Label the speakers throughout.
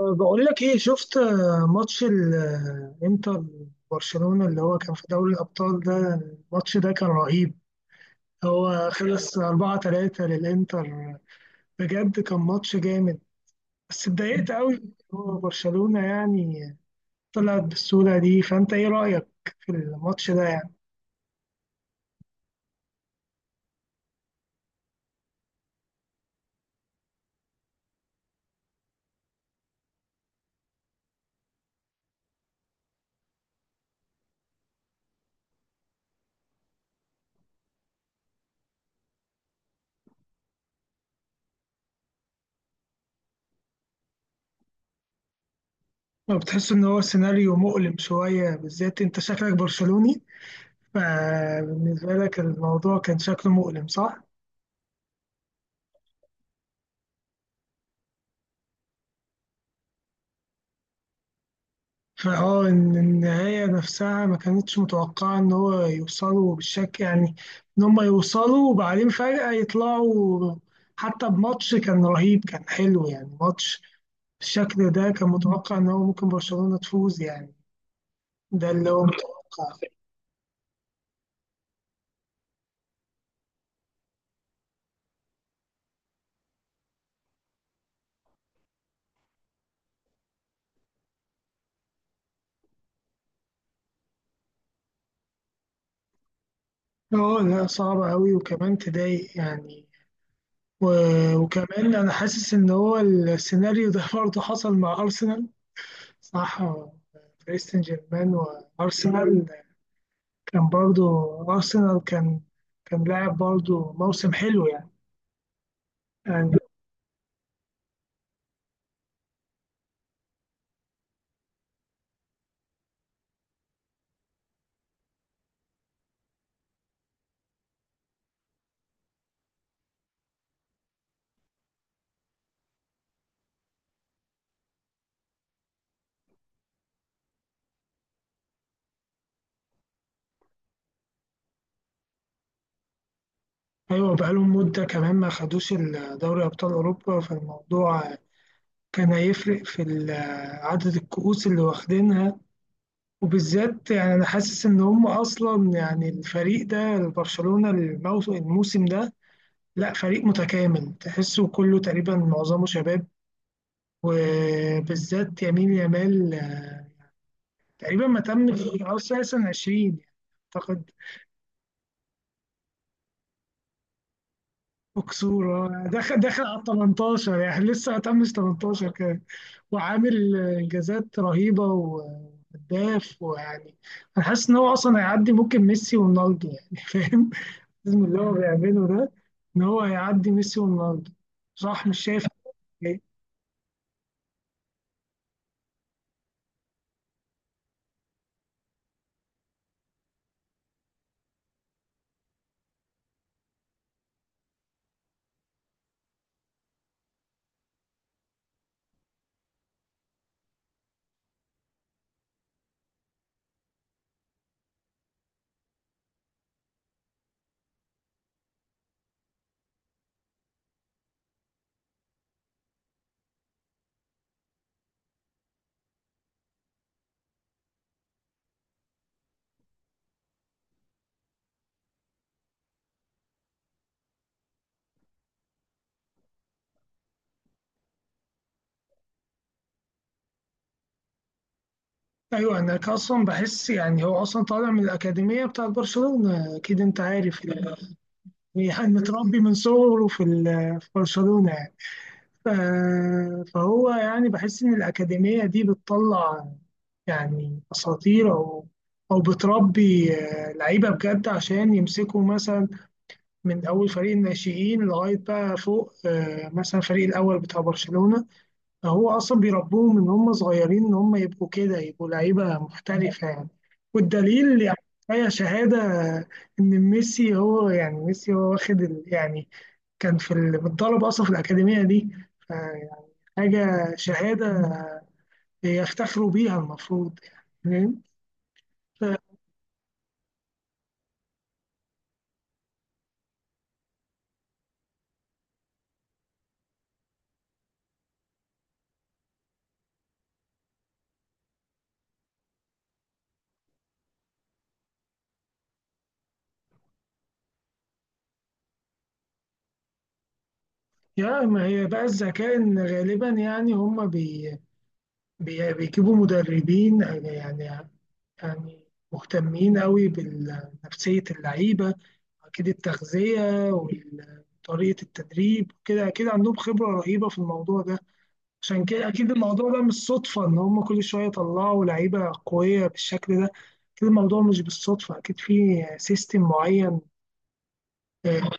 Speaker 1: بقول لك ايه. شفت ماتش الانتر برشلونة اللي هو كان في دوري الابطال ده؟ الماتش ده كان رهيب. هو خلص 4 3 للانتر. بجد كان ماتش جامد، بس اتضايقت قوي. هو برشلونة يعني طلعت بالصورة دي. فانت ايه رأيك في الماتش ده يعني؟ ما بتحس ان هو سيناريو مؤلم شوية؟ بالذات انت شكلك برشلوني، فبالنسبة لك الموضوع كان شكله مؤلم، صح؟ فاه ان النهاية نفسها ما كانتش متوقعة ان هو يوصلوا بالشكل يعني. ان هم يوصلوا وبعدين فجأة يطلعوا. حتى بماتش كان رهيب، كان حلو يعني. ماتش بالشكل ده كان متوقع ان هو ممكن برشلونة تفوز يعني. ده اللي هو متوقع. اه، لا صعبة أوي، وكمان تضايق يعني. وكمان أنا حاسس إن هو السيناريو ده برضه حصل مع أرسنال، صح؟ باريس سان جيرمان وأرسنال كان برضو. أرسنال كان كان لاعب برضو موسم حلو يعني. أيوة، بقالهم مدة كمان ما خدوش دوري أبطال أوروبا. فالموضوع كان هيفرق في عدد الكؤوس اللي واخدينها. وبالذات يعني أنا حاسس إن هم أصلا يعني الفريق ده برشلونة الموسم ده لا فريق متكامل، تحسه كله تقريبا معظمه شباب. وبالذات يمين يامال تقريبا ما تمش أو أساسا 20 أعتقد، وكسور. دخل على 18 يعني لسه هتمش 18 كده. وعامل انجازات رهيبه، وهداف، ويعني انا حاسس ان هو اصلا هيعدي ممكن ميسي ورونالدو يعني فاهم؟ لازم اللي هو بيعمله ده ان هو هيعدي ميسي ورونالدو، صح؟ مش شايف؟ إيه؟ ايوه، انا اصلا بحس يعني هو اصلا طالع من الاكاديميه بتاعت برشلونه، اكيد انت عارف يعني. يعني متربي من صغره في في برشلونه. فهو يعني بحس إن الأكاديمية دي بتطلع يعني أساطير، أو أو بتربي لعيبة بجد، عشان يمسكوا مثلا من أول فريق الناشئين لغاية بقى فوق مثلا الفريق الأول بتاع برشلونة. فهو أصلا بيربوهم من هم صغيرين إن هم يبقوا كده، يبقوا لعيبة محترفة يعني. والدليل يعني هي شهادة إن ميسي هو يعني. ميسي هو واخد يعني كان في متدرب أصلا في الأكاديمية دي. حاجة شهادة يفتخروا بيها المفروض يعني، فاهم؟ ف- يا ما هي بقى الذكاء. إن غالبا يعني هم بي بيجيبوا مدربين يعني مهتمين قوي بنفسية اللعيبة. أكيد التغذية وطريقة التدريب كده، أكيد عندهم خبرة رهيبة في الموضوع ده. عشان كده أكيد الموضوع ده مش صدفة إن هم كل شوية يطلعوا لعيبة قوية بالشكل ده. أكيد الموضوع مش بالصدفة، أكيد في سيستم معين. آه،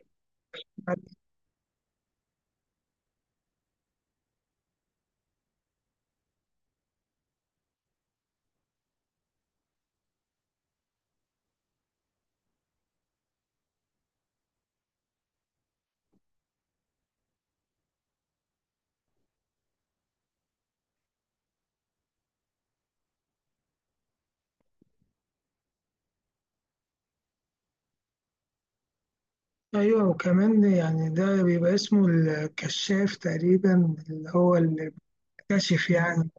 Speaker 1: أيوة، وكمان يعني ده بيبقى اسمه الكشاف تقريبا، اللي هو اللي بيكتشف يعني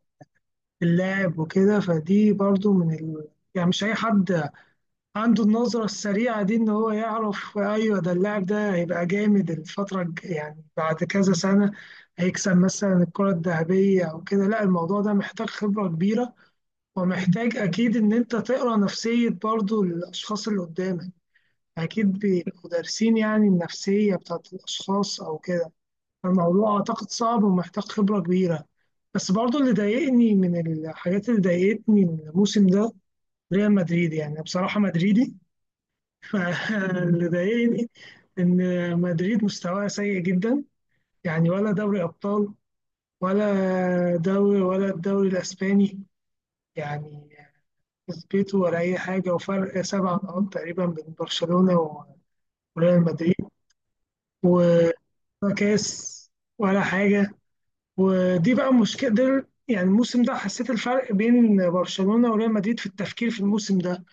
Speaker 1: اللاعب وكده. فدي برضو من ال... يعني مش أي حد عنده النظرة السريعة دي إن هو يعرف أيوة ده اللاعب ده هيبقى جامد الفترة يعني بعد كذا سنة هيكسب مثلا الكرة الذهبية أو كده. لا الموضوع ده محتاج خبرة كبيرة، ومحتاج أكيد إن أنت تقرأ نفسية برضو الأشخاص اللي قدامك. أكيد بيبقوا دارسين يعني النفسية بتاعت الأشخاص أو كده. الموضوع أعتقد صعب ومحتاج خبرة كبيرة. بس برضه اللي ضايقني من الحاجات اللي ضايقتني من الموسم ده ريال مدريد. يعني أنا بصراحة مدريدي فاللي ضايقني إن مدريد مستواها سيء جدا. يعني ولا دوري أبطال، ولا دوري، ولا الدوري الإسباني يعني كسبته، ولا أي حاجة، وفرق سبع نقاط تقريبا بين برشلونة وريال مدريد، ولا كاس، ولا حاجة. ودي بقى مشكلة. ده يعني الموسم ده حسيت الفرق بين برشلونة وريال مدريد في التفكير في الموسم ده.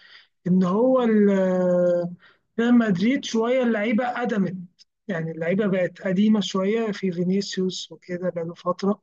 Speaker 1: ان هو ريال مدريد شوية اللعيبة قدمت. يعني اللعيبة بقت قديمة شوية في فينيسيوس وكده، بقاله فترة.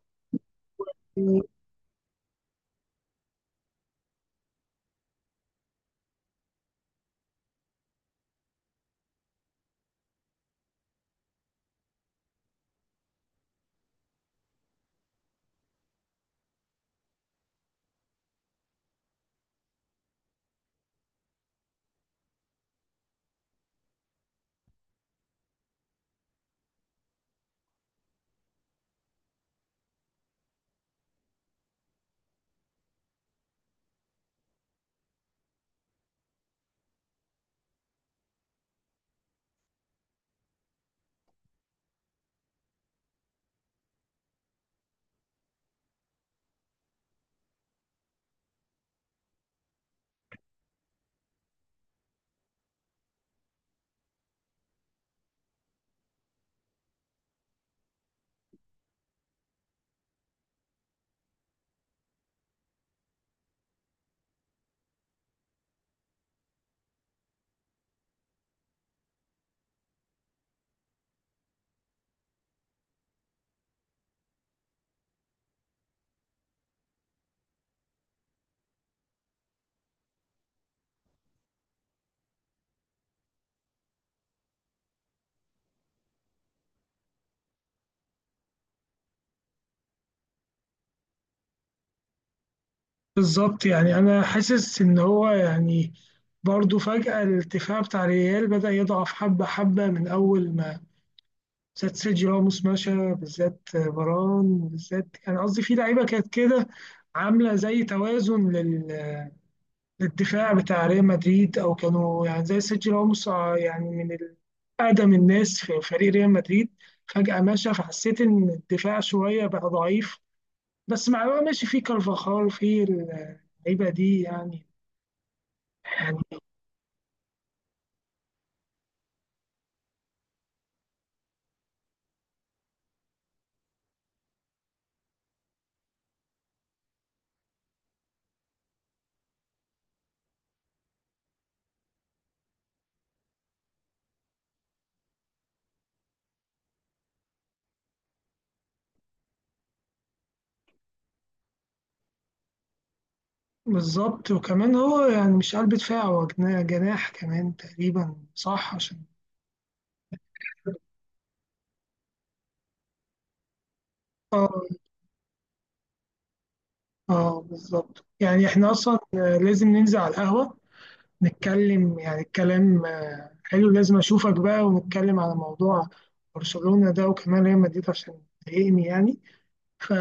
Speaker 1: بالظبط، يعني انا حاسس ان هو يعني برضه فجأة الدفاع بتاع ريال بدأ يضعف حبة حبة من أول ما بالذات سيرجي راموس مشى، بالذات فاران، بالذات يعني قصدي في لعيبه كانت كده عامله زي توازن للدفاع بتاع ريال مدريد، او كانوا يعني زي سيرجي راموس يعني من اقدم الناس في فريق ريال مدريد. فجاه مشى، فحسيت ان الدفاع شويه بقى ضعيف. بس مع بقى ماشي في كارفاخال في اللعيبه دي يعني. يعني بالظبط، وكمان هو يعني مش قلب دفاع، هو جناح كمان تقريبا، صح؟ عشان آه، اه بالظبط. يعني احنا اصلا لازم ننزل على القهوة نتكلم يعني. الكلام حلو، لازم اشوفك بقى ونتكلم على موضوع برشلونة ده وكمان ريال مدريد، عشان تضايقني يعني. ف...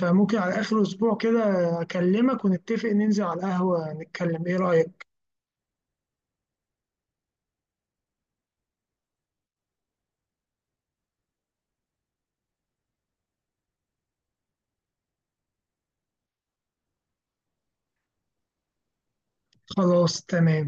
Speaker 1: فممكن على اخر اسبوع كده اكلمك ونتفق ننزل على القهوة نتكلم، ايه رأيك؟ خلاص تمام.